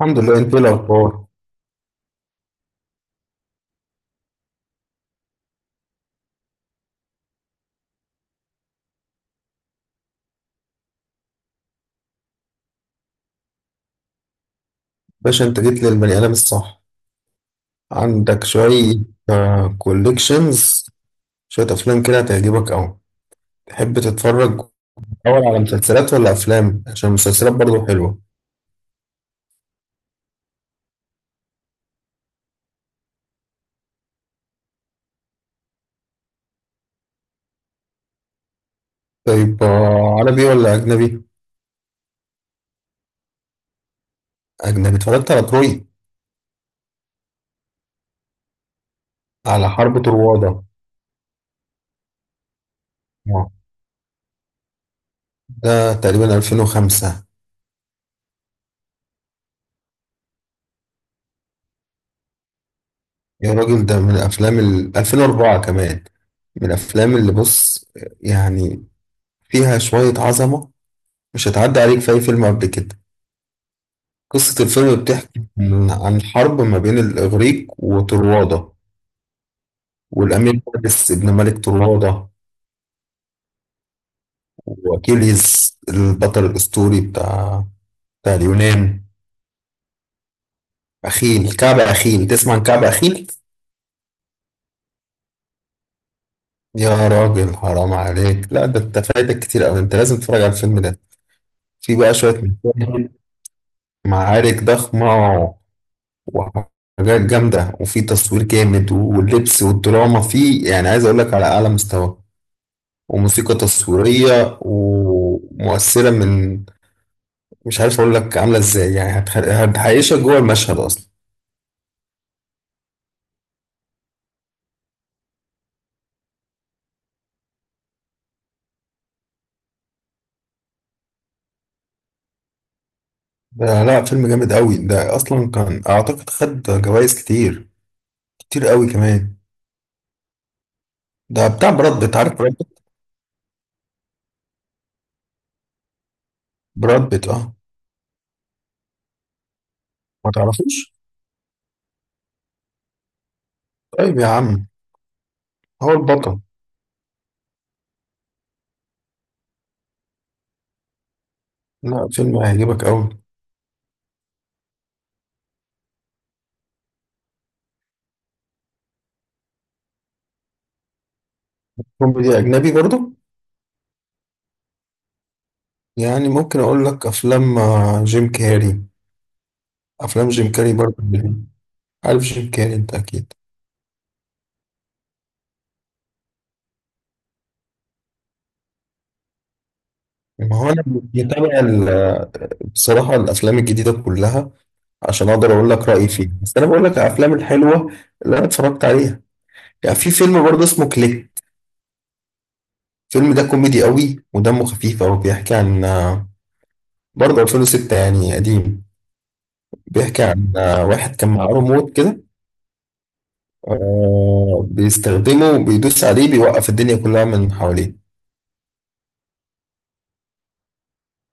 الحمد لله. انت ايه الاخبار؟ باشا، انت جيت للبني ادم الصح. عندك شويه كوليكشنز، شويه افلام كده هتعجبك قوي. تحب تتفرج اول على مسلسلات ولا افلام؟ عشان المسلسلات برضو حلوه. طيب عربي ولا اجنبي؟ اجنبي. اتفرجت على تروي؟ على حرب طروادة. آه. ده تقريبا 2005. يا راجل، ده من افلام ال 2004 كمان. من الافلام اللي، بص، يعني فيها شويه عظمه. مش هتعدي عليك في اي فيلم قبل كده. قصة الفيلم بتحكي عن حرب ما بين الإغريق وطروادة، والأمير فارس ابن ملك طروادة، وأكيليز البطل الأسطوري بتاع اليونان. أخيل، كعب أخيل. تسمع عن كعب أخيل؟ يا راجل، حرام عليك. لا، ده أنت فايتك كتير أوي، أنت لازم تتفرج على الفيلم ده. في بقى شوية مشاهد، معارك ضخمة وحاجات جامدة، وفي تصوير جامد، واللبس والدراما فيه يعني عايز أقول لك على أعلى مستوى. وموسيقى تصويرية ومؤثرة من، مش عارف أقول لك عاملة إزاي، يعني هتعيشك جوه المشهد أصلا. ده لا، فيلم جامد قوي ده، أصلا كان أعتقد خد جوائز كتير، كتير قوي كمان. ده بتاع براد بيت، عارف براد بيت؟ براد بيت، أه. ما تعرفوش؟ طيب يا عم، هو البطل. لا، فيلم هيعجبك قوي. كوميدي أجنبي برضه؟ يعني ممكن أقول لك أفلام جيم كاري. أفلام جيم كاري برضه، عارف جيم كاري أنت أكيد. ما هو انا بتابع بصراحه الافلام الجديده كلها عشان اقدر اقول لك رايي فيها. بس انا بقول لك الافلام الحلوه اللي انا اتفرجت عليها. يعني في فيلم برضه اسمه كليك. الفيلم ده كوميدي قوي ودمه خفيف قوي. بيحكي عن برضه 2006، يعني قديم. بيحكي عن واحد كان معاه ريموت كده، بيستخدمه، بيدوس عليه بيوقف الدنيا كلها من حواليه.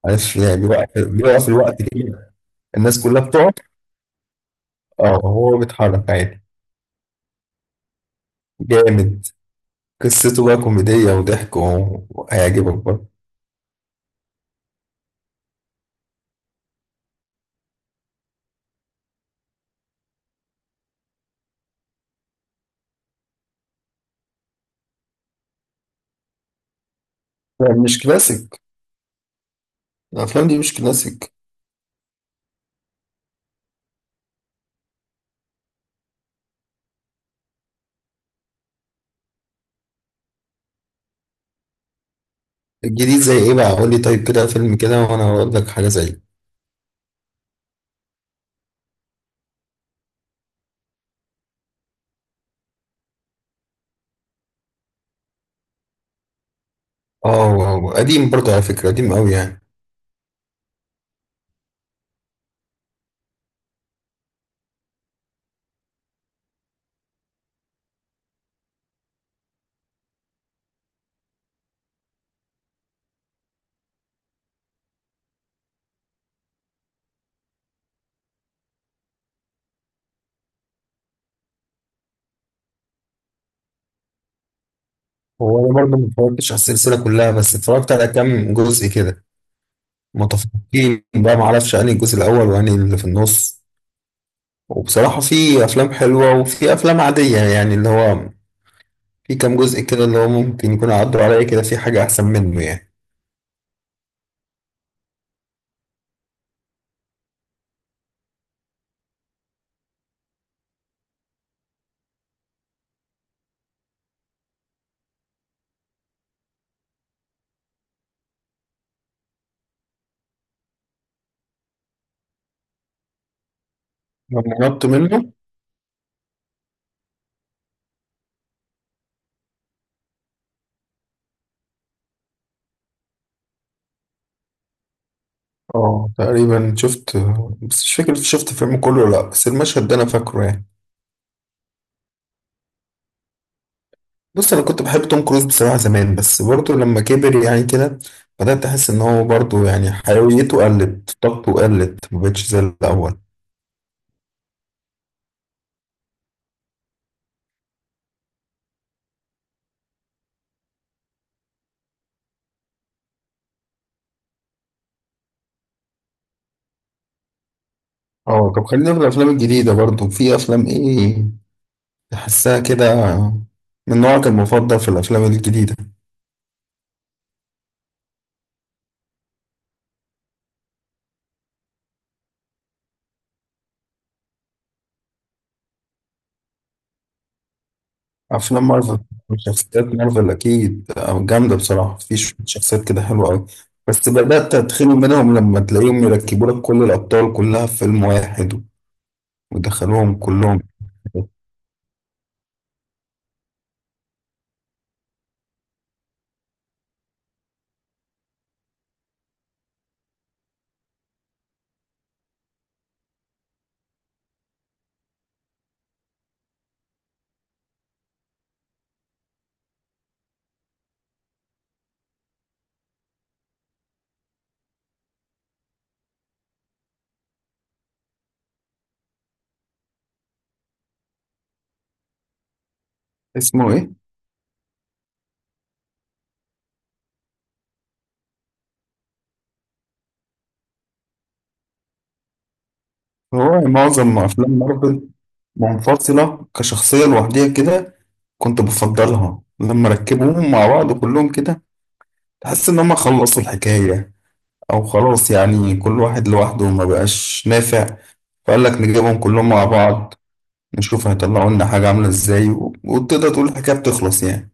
عارف، يعني بيوقف، الوقت كده. الناس كلها بتقعد، اه، هو بيتحرك عادي. جامد. قصته بقى كوميدية وضحك وهيعجبك برضه. يعني مش كلاسيك، الأفلام دي مش كلاسيك. الجديد زي إيه بقى؟ قول لي طيب كده فيلم كده وأنا هقول لك حاجة زيه. قديم برضه على فكرة، قديم أوي يعني. هو أنا برضه ما اتفرجتش على السلسلة كلها، بس اتفرجت على كام جزء كده. متفقين بقى، معرفش أنهي الجزء الأول وأنهي اللي في النص. وبصراحة في أفلام حلوة وفي أفلام عادية، يعني اللي هو في كام جزء كده اللي هو ممكن يكون عدوا عليا كده في حاجة أحسن منه يعني. لما هربت منه. اه تقريبا شفت، بس مش فاكر شفت الفيلم كله ولا لا، بس المشهد ده انا فاكره يعني. بص، انا كنت بحب توم كروز بصراحه زمان، بس برضه لما كبر يعني كده بدات احس ان هو برضه يعني حيويته قلت، طاقته قلت، ما بقتش زي الاول. اه، طب خلينا في الافلام الجديده برضه. في افلام ايه تحسها كده من نوعك المفضل في الافلام الجديده؟ افلام مارفل، شخصيات مارفل اكيد جامده بصراحه، في شوية شخصيات كده حلوه قوي. بس بدات اتخنق منهم لما تلاقيهم يركبوا لك كل الابطال كلها في فيلم واحد ودخلوهم كلهم. اسمه ايه؟ هو معظم افلام مارفل منفصله كشخصيه لوحديها كده، كنت بفضلها. لما ركبوهم مع بعض كلهم كده تحس ان هم خلصوا الحكايه، او خلاص يعني كل واحد لوحده ما بقاش نافع، فقال لك نجيبهم كلهم مع بعض، نشوف هيطلعوا لنا حاجة عاملة ازاي، وتقدر تقول الحكاية بتخلص يعني.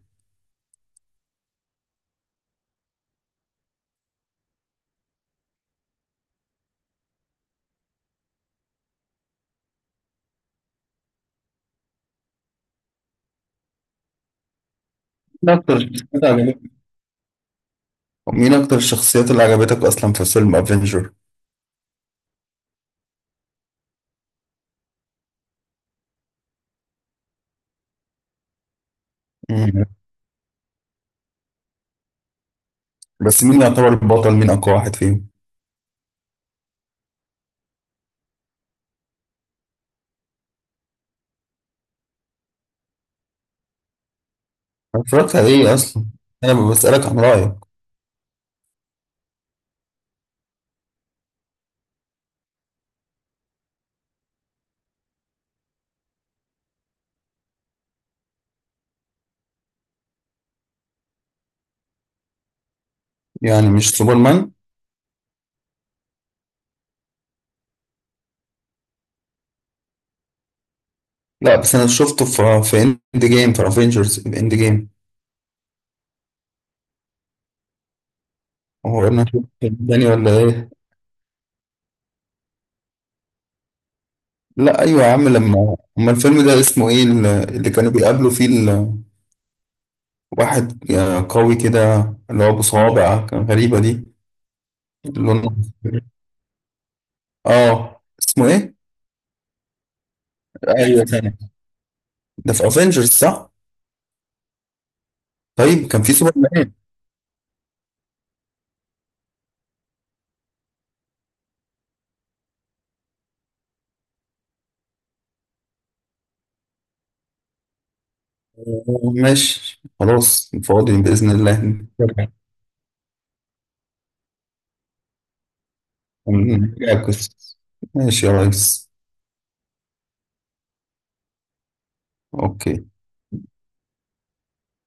مين أكتر الشخصيات عجبتك؟ مين أكتر الشخصيات اللي عجبتك أصلا في فيلم افنجر؟ مم. بس مين يعتبر البطل؟ مين أقوى واحد فيهم؟ أنا اتفرجت على إيه أصلا؟ أنا بسألك عن رأيك. يعني مش سوبرمان؟ لا بس أنا شفته في إند جيم، في افنجرز في إند جيم. هو أنا شفته التاني ولا إيه؟ لا أيوة يا عم، لما أما الفيلم ده اسمه إيه، اللي كانوا بيقابلوا فيه واحد قوي كده، اللي هو أبو صوابع كان، غريبة دي، لونه أصفر. اه اسمه ايه؟ ايوه، ثاني، ده في افنجرز صح؟ طيب كان في سوبر مان. ماشي خلاص، فاضي بإذن الله. نرجع، نرجع القصة. ماشي يا ريس. اوكي.